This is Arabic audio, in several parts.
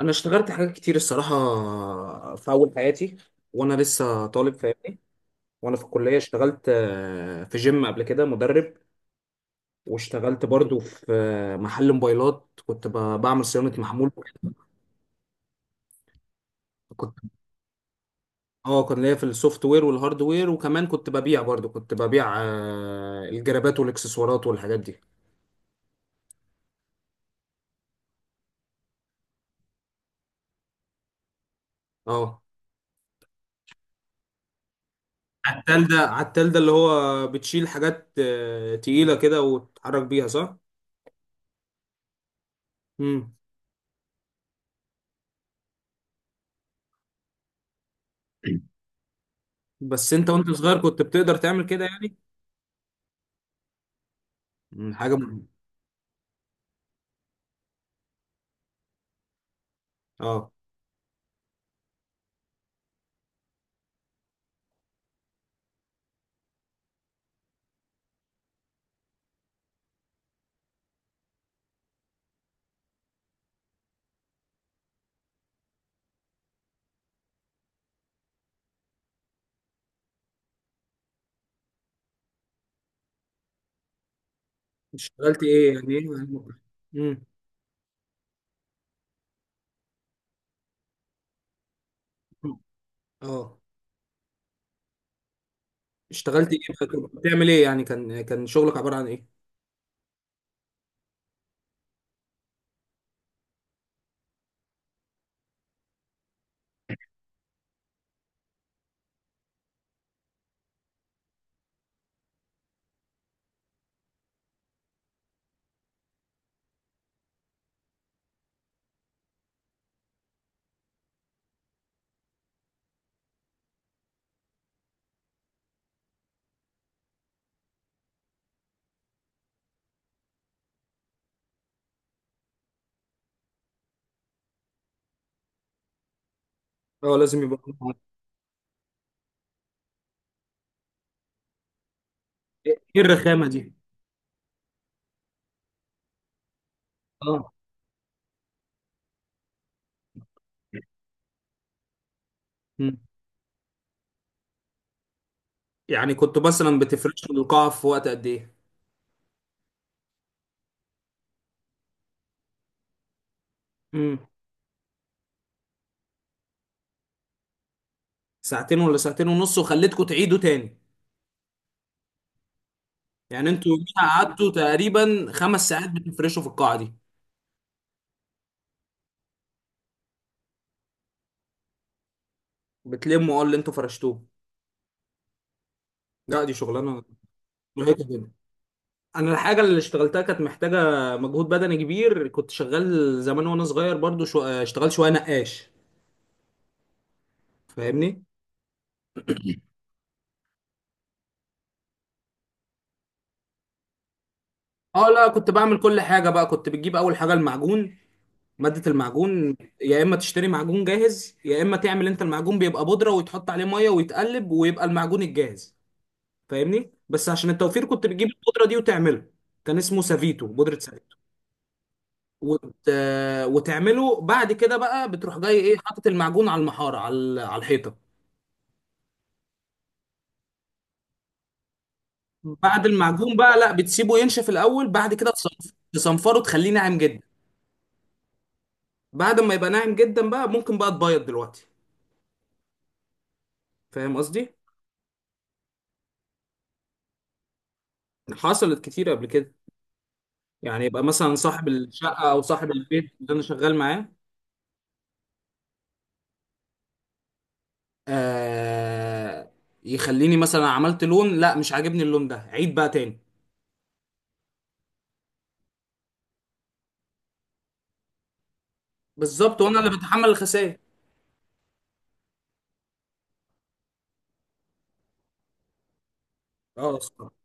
انا اشتغلت حاجات كتير الصراحه، في اول حياتي وانا لسه طالب فاهمني. وانا في الكليه اشتغلت في جيم قبل كده مدرب. واشتغلت برضو في محل موبايلات، كنت بعمل صيانه محمول. كنت اه كان ليا في السوفت وير والهارد وير، وكمان كنت ببيع برضو كنت ببيع الجرابات والاكسسوارات والحاجات دي. اه، عتال ده اللي هو بتشيل حاجات تقيله كده وتتحرك بيها، صح؟ مم. بس انت وانت صغير كنت بتقدر تعمل كده يعني. حاجة مهمة. اه، اشتغلت ايه، يعني ايه؟ امم اه، اشتغلت ايه بقى؟ كنت بتعمل ايه يعني؟ كان شغلك عبارة عن ايه؟ اه، لازم يبقى. ايه إيه الرخامة دي؟ اه. مم. يعني كنت مثلا بتفرش القاعة في وقت قد ايه؟ امم ساعتين ولا ساعتين ونص، وخليتكم تعيدوا تاني؟ يعني انتوا يوميها قعدتوا تقريبا خمس ساعات بتفرشوا في القاعة دي؟ بتلموا اللي انتوا فرشتوه؟ لا، دي شغلانة مرهقة جدا. انا الحاجه اللي اشتغلتها كانت محتاجه مجهود بدني كبير، كنت شغال زمان وانا صغير برضو، اشتغل شويه نقاش، فاهمني. اه لا، كنت بعمل كل حاجه بقى، كنت بتجيب اول حاجه المعجون. ماده المعجون، يا اما تشتري معجون جاهز، يا اما تعمل انت المعجون، بيبقى بودره ويتحط عليه ميه ويتقلب ويبقى المعجون الجاهز. فاهمني؟ بس عشان التوفير كنت بتجيب البودره دي وتعمله. كان اسمه سافيتو، بودره سافيتو. وت... وتعمله، بعد كده بقى بتروح جاي، ايه، حاطط المعجون على المحاره، على الحيطه. بعد المعجون بقى، لا، بتسيبه ينشف الاول، بعد كده تصنفره، تخليه ناعم جدا. بعد ما يبقى ناعم جدا بقى، ممكن بقى تبيض دلوقتي. فاهم قصدي؟ حصلت كتير قبل كده، يعني يبقى مثلا صاحب الشقه او صاحب البيت اللي انا شغال معاه، آه يخليني مثلا عملت لون، لا مش عاجبني اللون ده، عيد بقى تاني. بالظبط، وانا اللي بتحمل الخسائر. اه، الصراحه.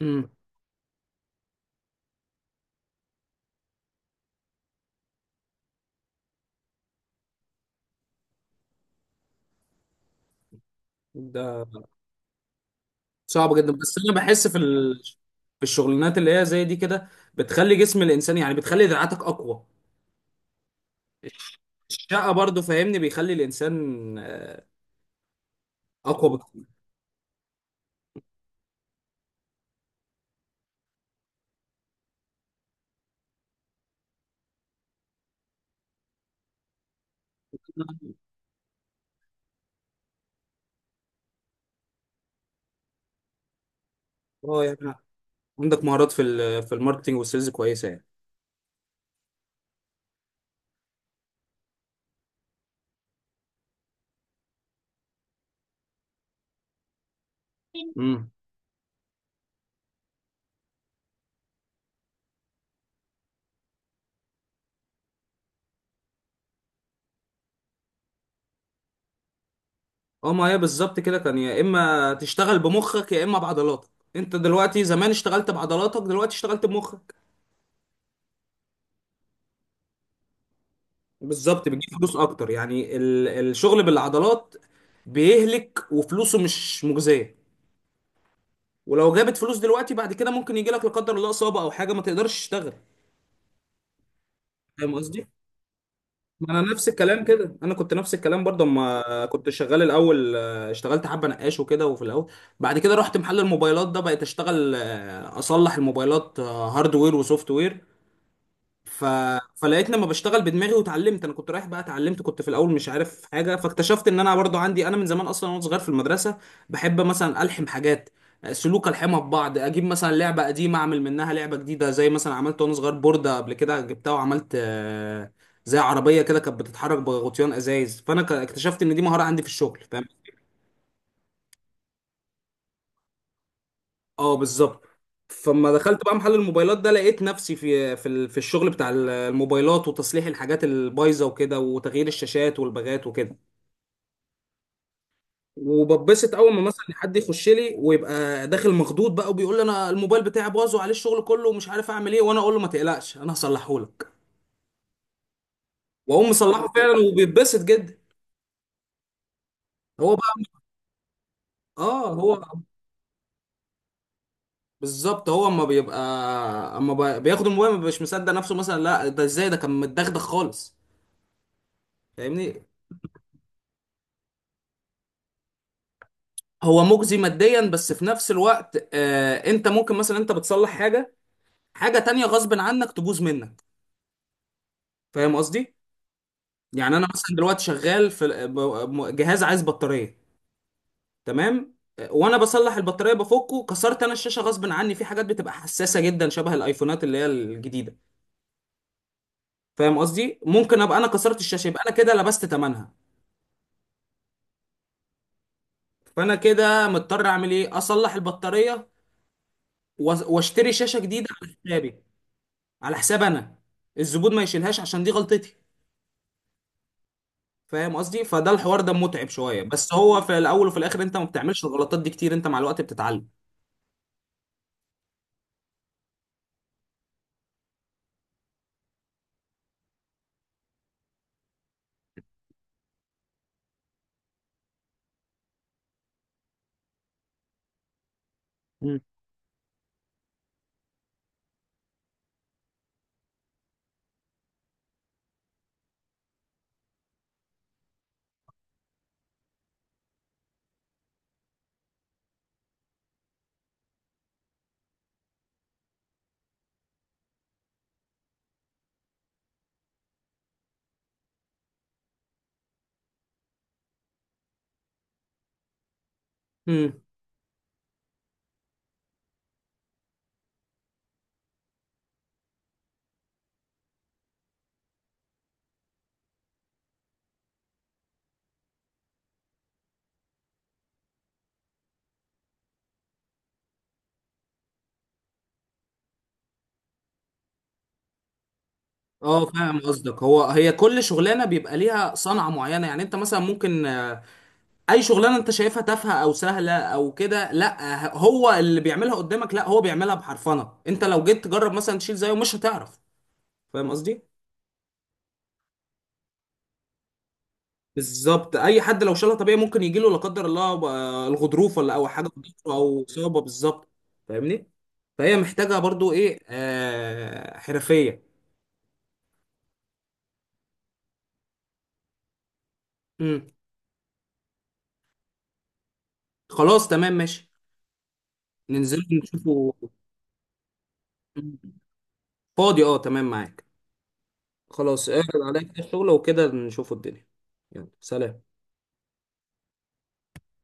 امم ده صعب جدا، بس انا بحس في في الشغلانات اللي هي زي دي كده، بتخلي جسم الانسان، يعني بتخلي دراعاتك اقوى. الشقه برضو فاهمني، بيخلي الانسان اقوى بكتير. اه، يعني عندك مهارات في في الماركتنج والسيلز كويسه يعني. امم اه، ما هي بالظبط كده، كان يا اما تشتغل بمخك يا اما بعضلاتك. انت دلوقتي، زمان اشتغلت بعضلاتك، دلوقتي اشتغلت بمخك. بالظبط، بتجيب فلوس اكتر، يعني الشغل بالعضلات بيهلك وفلوسه مش مجزيه. ولو جابت فلوس دلوقتي، بعد كده ممكن يجي لك لا قدر الله اصابه او حاجه ما تقدرش تشتغل. فاهم قصدي؟ ما انا نفس الكلام كده، انا كنت نفس الكلام برضه اما كنت شغال الاول، اشتغلت حبه نقاش وكده، وفي الاول بعد كده رحت محل الموبايلات ده، بقيت اشتغل اصلح الموبايلات، هاردوير وسوفت وير. ف... فلقيت لما بشتغل بدماغي واتعلمت، انا كنت رايح بقى اتعلمت، كنت في الاول مش عارف حاجه. فاكتشفت ان انا برضو عندي، انا من زمان اصلا وانا صغير في المدرسه بحب مثلا الحم حاجات، سلوك الحمها ببعض، اجيب مثلا لعبه قديمه اعمل منها لعبه جديده، زي مثلا عملت وانا صغير بورده قبل كده، جبتها وعملت زي عربيه كده كانت بتتحرك بغطيان ازايز، فانا اكتشفت ان دي مهاره عندي في الشغل. اه، بالظبط. فلما دخلت بقى محل الموبايلات ده، لقيت نفسي في الشغل بتاع الموبايلات، وتصليح الحاجات البايظه وكده، وتغيير الشاشات والباجات وكده. وببسط اول ما مثلا حد يخش لي ويبقى داخل مخضوض بقى، وبيقول لي انا الموبايل بتاعي باظ وعليه الشغل كله ومش عارف اعمل ايه، وانا اقول له ما تقلقش انا هصلحه لك. واقوم مصلحه فعلا، وبيتبسط جدا. هو بقى. اه، هو. بالظبط، هو اما بيبقى اما بقى- بياخد الموبايل ما بيبقاش مصدق نفسه، مثلا لا ده ازاي، ده كان متدغدغ خالص. فاهمني؟ هو مجزي ماديا، بس في نفس الوقت انت ممكن مثلا، انت بتصلح حاجه، حاجه تانية غصب عنك تبوظ منك. فاهم قصدي؟ يعني انا مثلا دلوقتي شغال في جهاز عايز بطاريه، تمام. وانا بصلح البطاريه، بفكه كسرت انا الشاشه غصب عني. في حاجات بتبقى حساسه جدا، شبه الايفونات اللي هي الجديده. فاهم قصدي؟ ممكن ابقى انا كسرت الشاشه، يبقى انا كده لبست ثمنها. فانا كده مضطر اعمل ايه، اصلح البطاريه واشتري شاشه جديده على حسابي، على حساب انا، الزبون ما يشيلهاش عشان دي غلطتي. فاهم قصدي؟ فده الحوار ده متعب شويه، بس هو في الاول وفي الاخر انت ما بتعملش الغلطات دي كتير، انت مع الوقت بتتعلم. مم. امم اه، فاهم قصدك، هي كل شغلانه بيبقى ليها صنعه معينه، يعني انت مثلا ممكن اي شغلانه انت شايفها تافهه او سهله او كده، لا هو اللي بيعملها قدامك، لا هو بيعملها بحرفنه، انت لو جيت تجرب مثلا تشيل زيه مش هتعرف. فاهم قصدي؟ بالظبط، اي حد لو شالها طبيعي ممكن يجي له لا قدر الله بقى الغضروف ولا او حاجه في ضهره او اصابه. بالظبط، فاهمني؟ فهي محتاجه برضو ايه، حرفيه. امم خلاص تمام ماشي، ننزل نشوفه. مم. فاضي، اه، تمام معاك. خلاص، اعرض عليك الشغل وكده نشوفه الدنيا. يلا سلام.